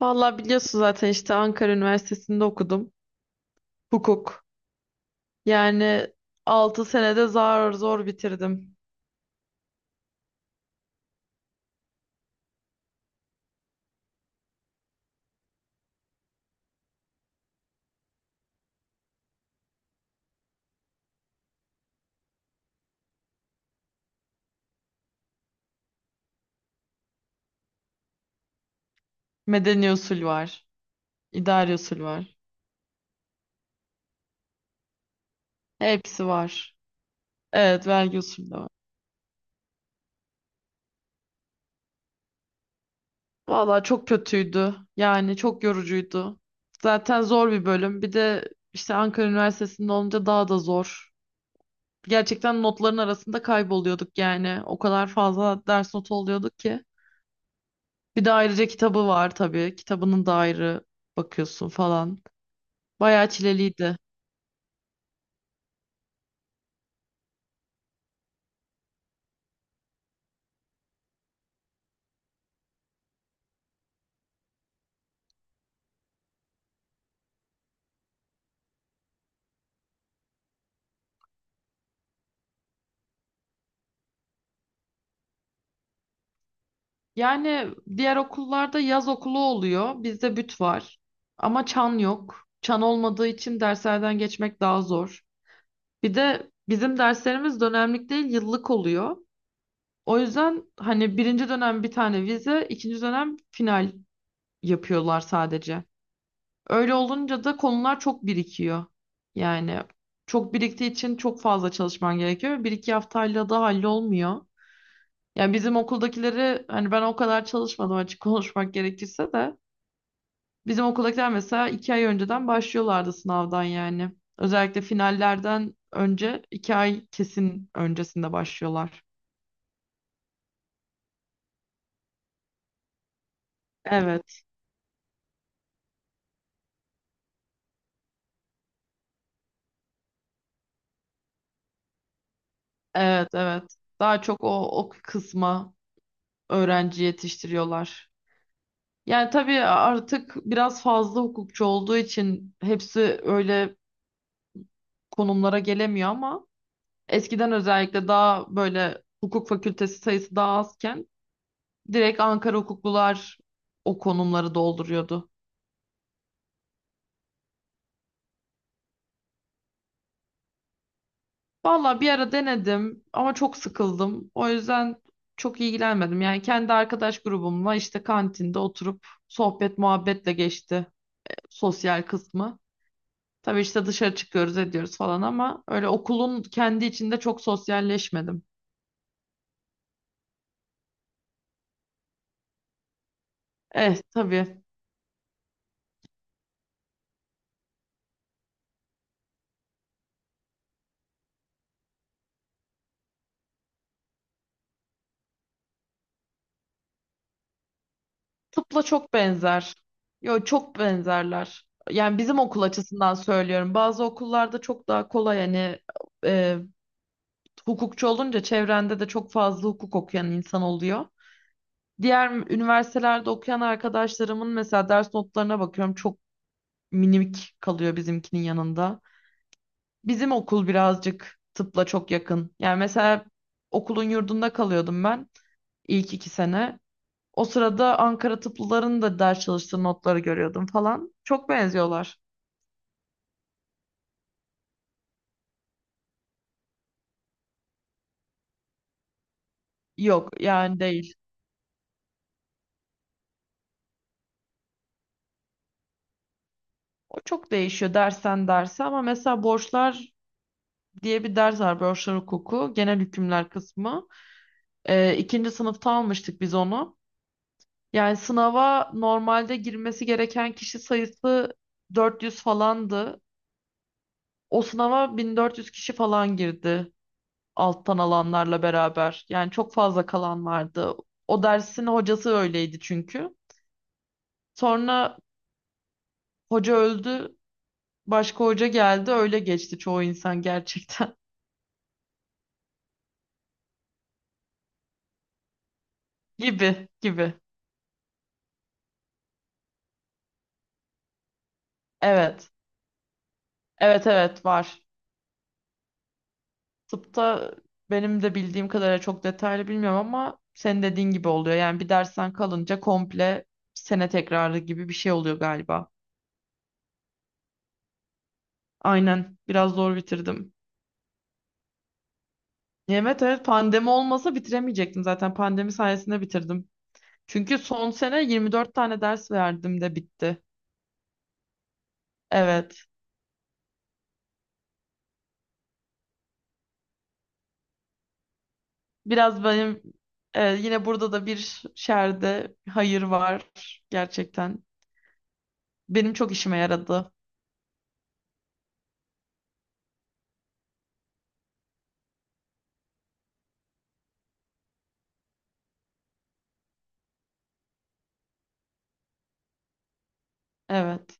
Vallahi biliyorsun zaten işte Ankara Üniversitesi'nde okudum. Hukuk. Yani 6 senede zar zor bitirdim. Medeni usul var. İdari usul var. Hepsi var. Evet, vergi usulü de var. Vallahi çok kötüydü. Yani çok yorucuydu. Zaten zor bir bölüm. Bir de işte Ankara Üniversitesi'nde olunca daha da zor. Gerçekten notların arasında kayboluyorduk yani. O kadar fazla ders notu oluyorduk ki. Bir de ayrıca kitabı var tabii. Kitabının da ayrı bakıyorsun falan. Bayağı çileliydi. Yani diğer okullarda yaz okulu oluyor. Bizde büt var. Ama çan yok. Çan olmadığı için derslerden geçmek daha zor. Bir de bizim derslerimiz dönemlik değil, yıllık oluyor. O yüzden hani birinci dönem bir tane vize, ikinci dönem final yapıyorlar sadece. Öyle olunca da konular çok birikiyor. Yani çok biriktiği için çok fazla çalışman gerekiyor. Bir iki haftayla da hallolmuyor. Yani bizim okuldakileri hani ben o kadar çalışmadım, açık konuşmak gerekirse de bizim okuldakiler mesela 2 ay önceden başlıyorlardı sınavdan yani. Özellikle finallerden önce 2 ay kesin öncesinde başlıyorlar. Evet, evet, evet. Daha çok o kısma öğrenci yetiştiriyorlar. Yani tabii artık biraz fazla hukukçu olduğu için hepsi öyle konumlara gelemiyor ama eskiden özellikle daha böyle hukuk fakültesi sayısı daha azken direkt Ankara hukuklular o konumları dolduruyordu. Valla bir ara denedim ama çok sıkıldım. O yüzden çok ilgilenmedim. Yani kendi arkadaş grubumla işte kantinde oturup sohbet muhabbetle geçti sosyal kısmı. Tabii işte dışarı çıkıyoruz ediyoruz falan ama öyle okulun kendi içinde çok sosyalleşmedim. Eh tabii, tıpla çok benzer. Yo, çok benzerler. Yani bizim okul açısından söylüyorum. Bazı okullarda çok daha kolay hani. e, Hukukçu olunca çevrende de çok fazla hukuk okuyan insan oluyor. Diğer üniversitelerde okuyan arkadaşlarımın mesela ders notlarına bakıyorum, çok minik kalıyor bizimkinin yanında. Bizim okul birazcık tıpla çok yakın. Yani mesela okulun yurdunda kalıyordum ben ilk 2 sene. O sırada Ankara tıplıların da ders çalıştığı notları görüyordum falan. Çok benziyorlar. Yok yani, değil. O çok değişiyor dersen derse ama mesela borçlar diye bir ders var, broşlar hukuku genel hükümler kısmı. İkinci sınıfta almıştık biz onu. Yani sınava normalde girmesi gereken kişi sayısı 400 falandı. O sınava 1400 kişi falan girdi alttan alanlarla beraber. Yani çok fazla kalan vardı. O dersin hocası öyleydi çünkü. Sonra hoca öldü, başka hoca geldi, öyle geçti çoğu insan gerçekten. Gibi gibi. Evet. Evet, evet, var. Tıpta benim de bildiğim kadarıyla, çok detaylı bilmiyorum ama senin dediğin gibi oluyor. Yani bir dersten kalınca komple sene tekrarı gibi bir şey oluyor galiba. Aynen. Biraz zor bitirdim. Evet, evet, pandemi olmasa bitiremeyecektim zaten. Pandemi sayesinde bitirdim. Çünkü son sene 24 tane ders verdim de bitti. Evet. Biraz benim, yine burada da bir şerde hayır var gerçekten. Benim çok işime yaradı. Evet.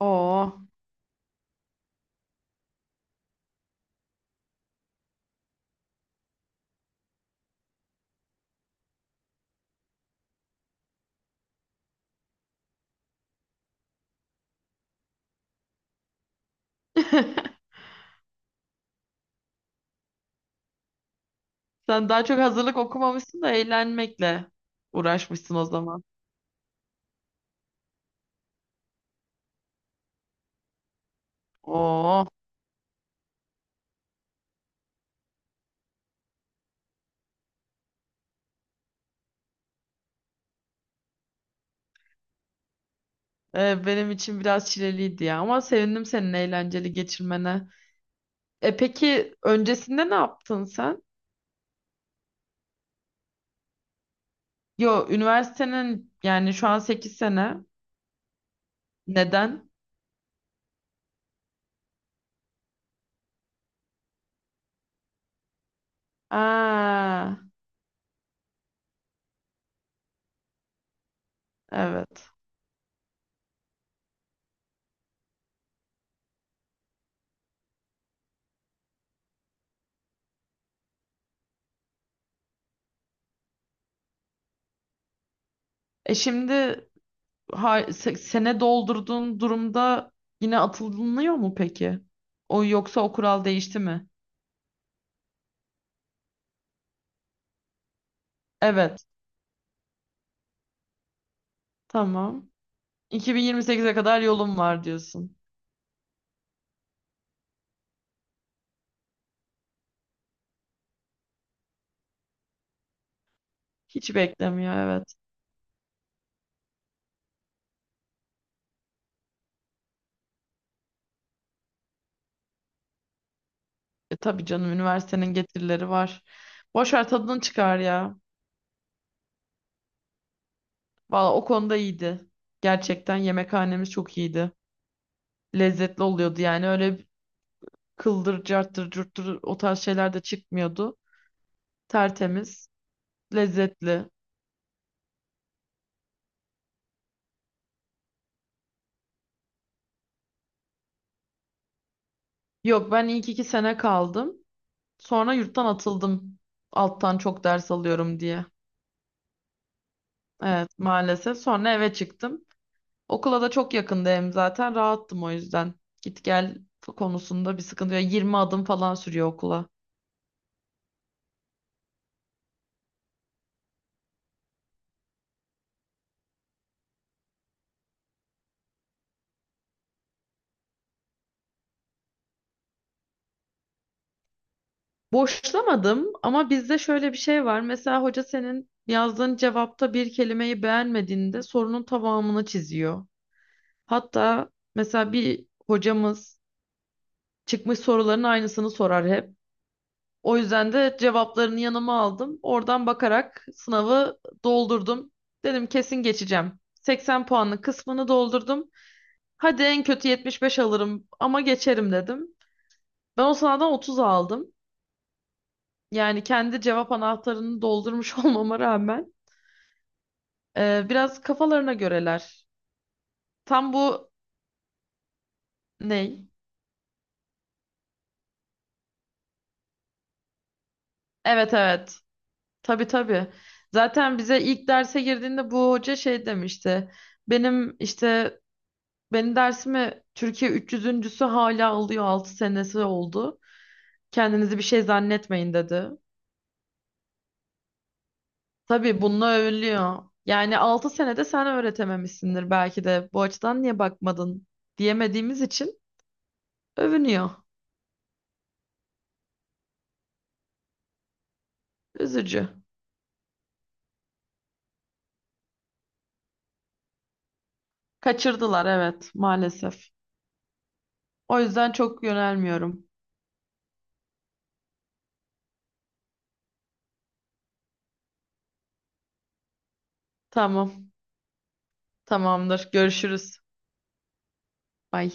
Oo. Sen daha çok hazırlık okumamışsın da eğlenmekle uğraşmışsın o zaman. Oo. Benim için biraz çileliydi ya, ama sevindim senin eğlenceli geçirmene. E peki, öncesinde ne yaptın sen? Yo, üniversitenin yani, şu an 8 sene. Neden? Aa, evet. E şimdi sene doldurduğun durumda yine atılınıyor mu peki? O yoksa o kural değişti mi? Evet. Tamam. 2028'e kadar yolum var diyorsun. Hiç beklemiyor, evet. E tabii canım, üniversitenin getirileri var. Boş ver, tadını çıkar ya. Valla o konuda iyiydi. Gerçekten yemekhanemiz çok iyiydi. Lezzetli oluyordu yani, öyle kıldır carttır curttur o tarz şeyler de çıkmıyordu. Tertemiz, lezzetli. Yok, ben ilk 2 sene kaldım. Sonra yurttan atıldım. Alttan çok ders alıyorum diye. Evet, maalesef. Sonra eve çıktım. Okula da çok yakındı hem zaten. Rahattım o yüzden. Git gel konusunda bir sıkıntı yok. 20 adım falan sürüyor okula. Boşlamadım ama bizde şöyle bir şey var. Mesela hoca senin yazdığın cevapta bir kelimeyi beğenmediğinde sorunun tamamını çiziyor. Hatta mesela bir hocamız çıkmış soruların aynısını sorar hep. O yüzden de cevaplarını yanıma aldım. Oradan bakarak sınavı doldurdum. Dedim, kesin geçeceğim. 80 puanlı kısmını doldurdum. Hadi en kötü 75 alırım ama geçerim dedim. Ben o sınavdan 30 aldım. Yani kendi cevap anahtarını doldurmuş olmama rağmen, biraz kafalarına göreler. Tam bu ney? Evet, evet. Tabii, tabii. Zaten bize ilk derse girdiğinde bu hoca şey demişti. Benim işte Benim dersime Türkiye 300'üncüsü.sü hala alıyor. 6 senesi oldu. Kendinizi bir şey zannetmeyin dedi. Tabii bununla övülüyor. Yani 6 senede sen öğretememişsindir belki de. Bu açıdan niye bakmadın diyemediğimiz için övünüyor. Üzücü. Kaçırdılar, evet, maalesef. O yüzden çok yönelmiyorum. Tamam, tamamdır. Görüşürüz. Bay.